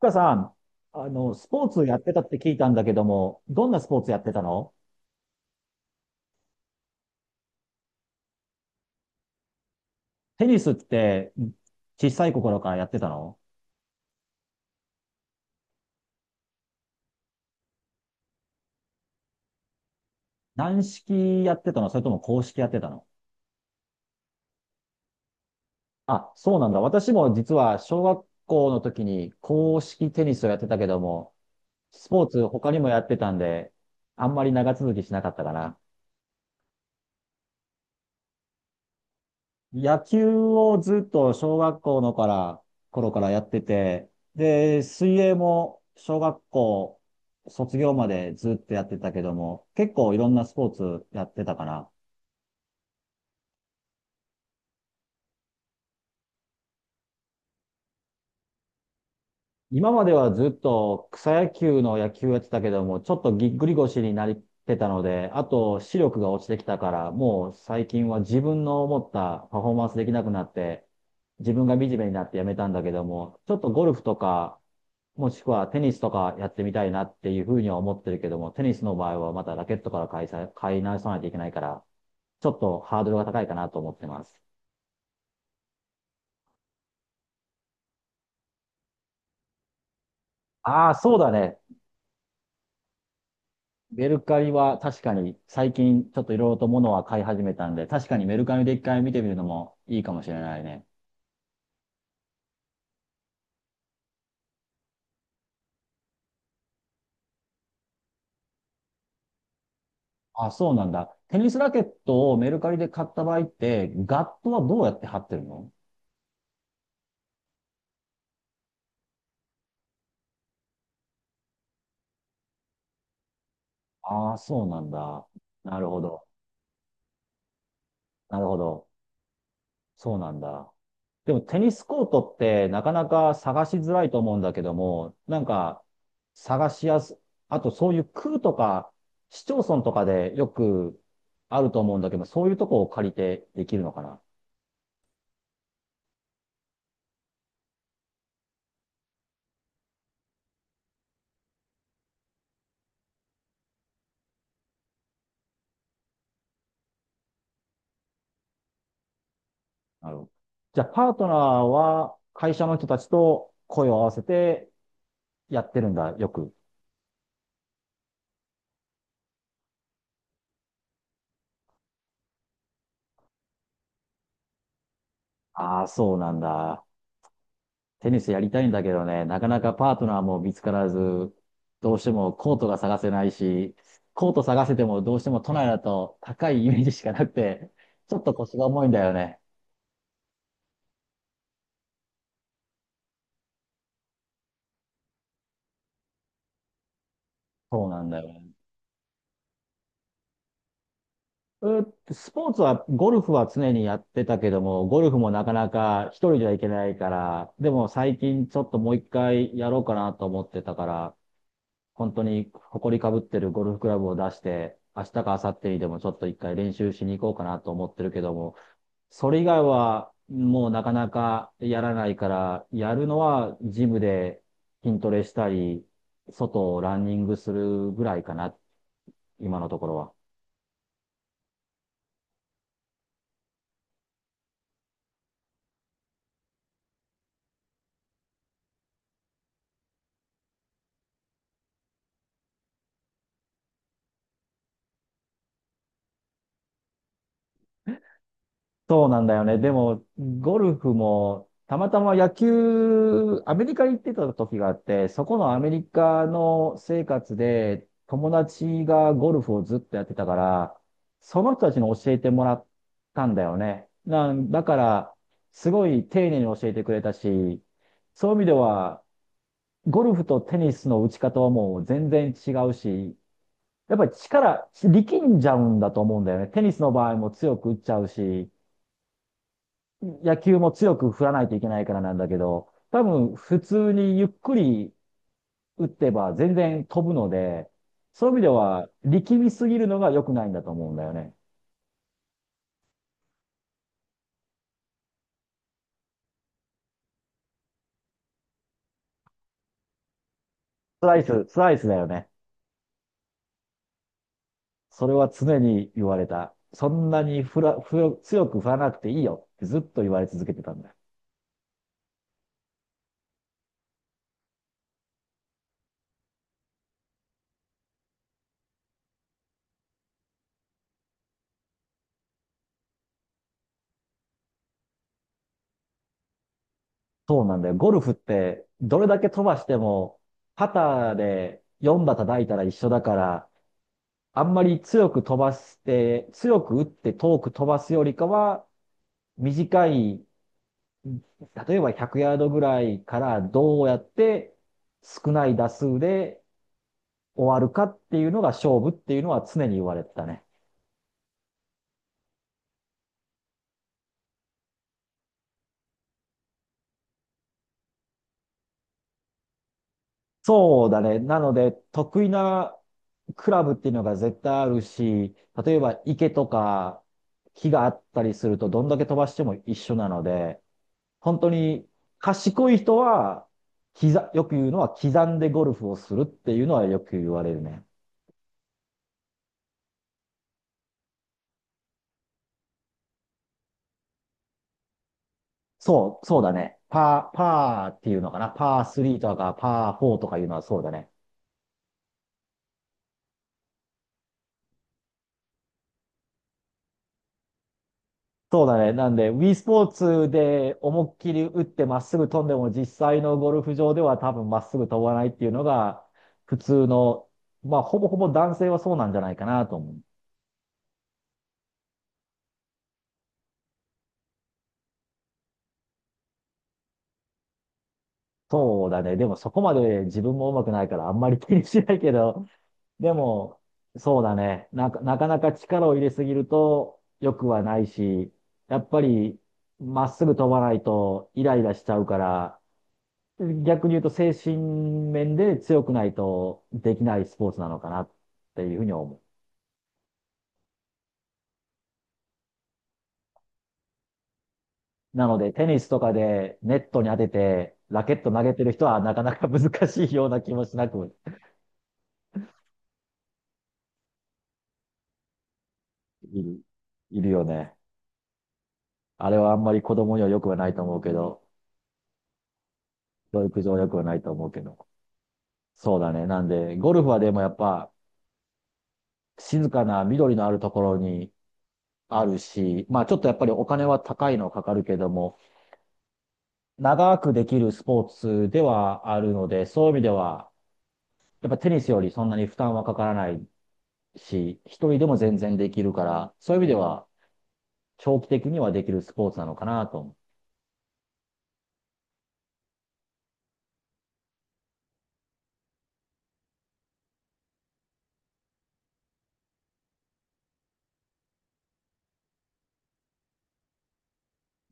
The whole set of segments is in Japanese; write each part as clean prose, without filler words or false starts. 深さん、スポーツやってたって聞いたんだけども、どんなスポーツやってたの？テニスって小さい頃からやってたの？軟式やってたの、それとも硬式やってたの？あ、そうなんだ。私も実は小学校の時に硬式テニスをやってたけども、スポーツ他にもやってたんで、あんまり長続きしなかったかな。野球をずっと小学校のから頃からやってて、で、水泳も小学校卒業までずっとやってたけども、結構いろんなスポーツやってたかな。今まではずっと草野球の野球やってたけども、ちょっとぎっくり腰になってたので、あと視力が落ちてきたから、もう最近は自分の思ったパフォーマンスできなくなって、自分が惨めになってやめたんだけども、ちょっとゴルフとか、もしくはテニスとかやってみたいなっていうふうには思ってるけども、テニスの場合はまたラケットから買い直さないといけないから、ちょっとハードルが高いかなと思ってます。ああ、そうだね。メルカリは確かに最近ちょっといろいろと物は買い始めたんで、確かにメルカリで一回見てみるのもいいかもしれないね。あ、そうなんだ。テニスラケットをメルカリで買った場合って、ガットはどうやって貼ってるの？ああー、そうなんだ。なるほど。なるほど。そうなんだ。でもテニスコートってなかなか探しづらいと思うんだけども、なんか探しやす、あとそういう区とか市町村とかでよくあると思うんだけど、そういうとこを借りてできるのかな。なるほど。じゃあパートナーは会社の人たちと声を合わせてやってるんだ、よく。ああ、そうなんだ。テニスやりたいんだけどね、なかなかパートナーも見つからず、どうしてもコートが探せないし、コート探せてもどうしても都内だと高いイメージしかなくて、ちょっと腰が重いんだよね。そうなんだよね。うスポーツは、ゴルフは常にやってたけども、ゴルフもなかなか一人じゃいけないから、でも最近ちょっともう一回やろうかなと思ってたから、本当に埃かぶってるゴルフクラブを出して、明日か明後日にでもちょっと一回練習しに行こうかなと思ってるけども、それ以外はもうなかなかやらないから、やるのはジムで筋トレしたり、外をランニングするぐらいかな、今のところは。そうなんだよね。でも、ゴルフも、たまたま野球、アメリカに行ってた時があって、そこのアメリカの生活で、友達がゴルフをずっとやってたから、その人たちに教えてもらったんだよね。だから、すごい丁寧に教えてくれたし、そういう意味では、ゴルフとテニスの打ち方はもう全然違うし、やっぱり力んじゃうんだと思うんだよね。テニスの場合も強く打っちゃうし、野球も強く振らないといけないからなんだけど、多分普通にゆっくり打ってば全然飛ぶので、そういう意味では力みすぎるのが良くないんだと思うんだよね。スライスだよね。それは常に言われた。そんなに振ら、振強く振らなくていいよってずっと言われ続けてたんだよ。そうなんだよ。ゴルフってどれだけ飛ばしても、パターで4打叩いたら一緒だから、あんまり強く飛ばして、強く打って遠く飛ばすよりかは、短い、例えば100ヤードぐらいからどうやって少ない打数で終わるかっていうのが勝負っていうのは常に言われてたね。そうだね。なので、得意なクラブっていうのが絶対あるし、例えば池とか木があったりするとどんだけ飛ばしても一緒なので、本当に賢い人は、よく言うのは刻んでゴルフをするっていうのはよく言われるね。そうだね。パーっていうのかな。パー3とかパー4とかいうのはそうだね。そうだね。なんで、ウィースポーツで思いっきり打ってまっすぐ飛んでも実際のゴルフ場では多分まっすぐ飛ばないっていうのが普通の、まあほぼほぼ男性はそうなんじゃないかなと思う。そうだね。でもそこまで自分も上手くないからあんまり気にしないけど、でも、そうだね。なかなか力を入れすぎると良くはないし、やっぱりまっすぐ飛ばないとイライラしちゃうから、逆に言うと精神面で強くないとできないスポーツなのかなっていうふうに思う。なので、テニスとかでネットに当てて、ラケット投げてる人はなかなか難しいような気もしなくいる、いるよね。あれはあんまり子供には良くはないと思うけど、教育上良くはないと思うけど。そうだね。なんで、ゴルフはでもやっぱ静かな緑のあるところにあるし、まあちょっとやっぱりお金は高いのかかるけども、長くできるスポーツではあるので、そういう意味では、やっぱテニスよりそんなに負担はかからないし、一人でも全然できるから、そういう意味では長期的にはできるスポーツなのかなと思う。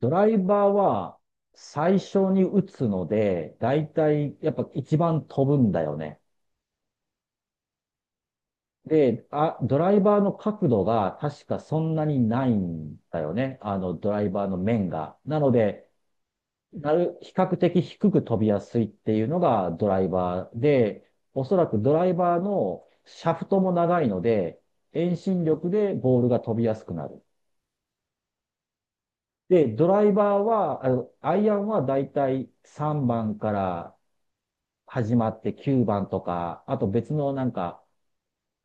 ドライバーは最初に打つので、だいたいやっぱ一番飛ぶんだよね。で、あ、ドライバーの角度が確かそんなにないんだよね。あの、ドライバーの面が。なので、比較的低く飛びやすいっていうのがドライバーで、おそらくドライバーのシャフトも長いので、遠心力でボールが飛びやすくなる。で、ドライバーは、あの、アイアンはだいたい3番から始まって9番とか、あと別のなんか、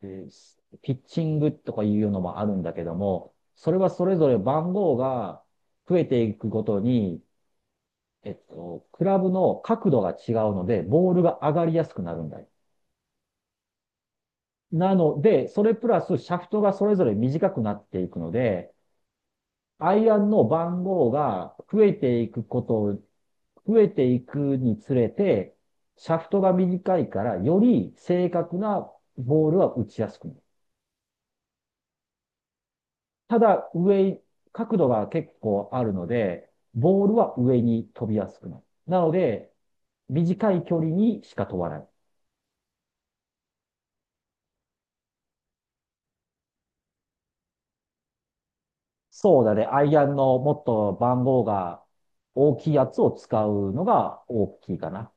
ピッチングとかいうのもあるんだけども、それはそれぞれ番号が増えていくごとに、クラブの角度が違うので、ボールが上がりやすくなるんだよ。なので、それプラスシャフトがそれぞれ短くなっていくので、アイアンの番号が増えていくことを、増えていくにつれて、シャフトが短いから、より正確なボールは打ちやすくなる。ただ上、角度が結構あるので、ボールは上に飛びやすくなる。なので、短い距離にしか飛ばない。そうだね。アイアンのもっと番号が大きいやつを使うのが大きいかな。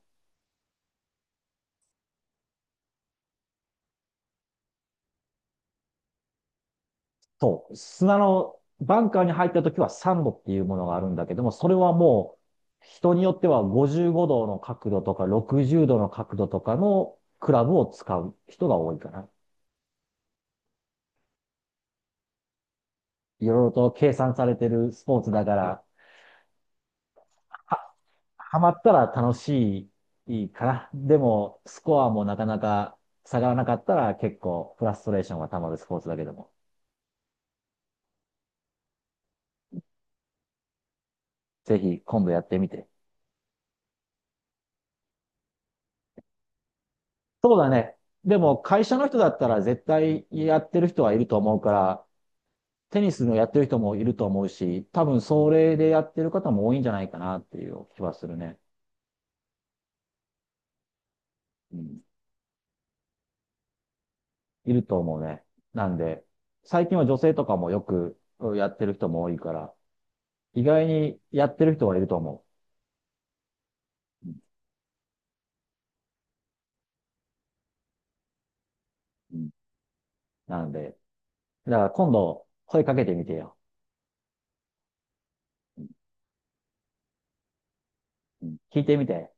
そう。砂のバンカーに入った時はサンドっていうものがあるんだけども、それはもう人によっては55度の角度とか60度の角度とかのクラブを使う人が多いかな。いろいろと計算されてるスポーツだから、は、はまったら楽しいかな。でも、スコアもなかなか下がらなかったら結構フラストレーションが溜まるスポーツだけども。ぜひ今度やってみて。そうだね。でも会社の人だったら絶対やってる人はいると思うから、テニスのやってる人もいると思うし、多分それでやってる方も多いんじゃないかなっていう気はするね。うん。いると思うね。なんで、最近は女性とかもよくやってる人も多いから、意外にやってる人はいると思う。うん。うん。なので、だから今度声かけてみてよ。うん、聞いてみて。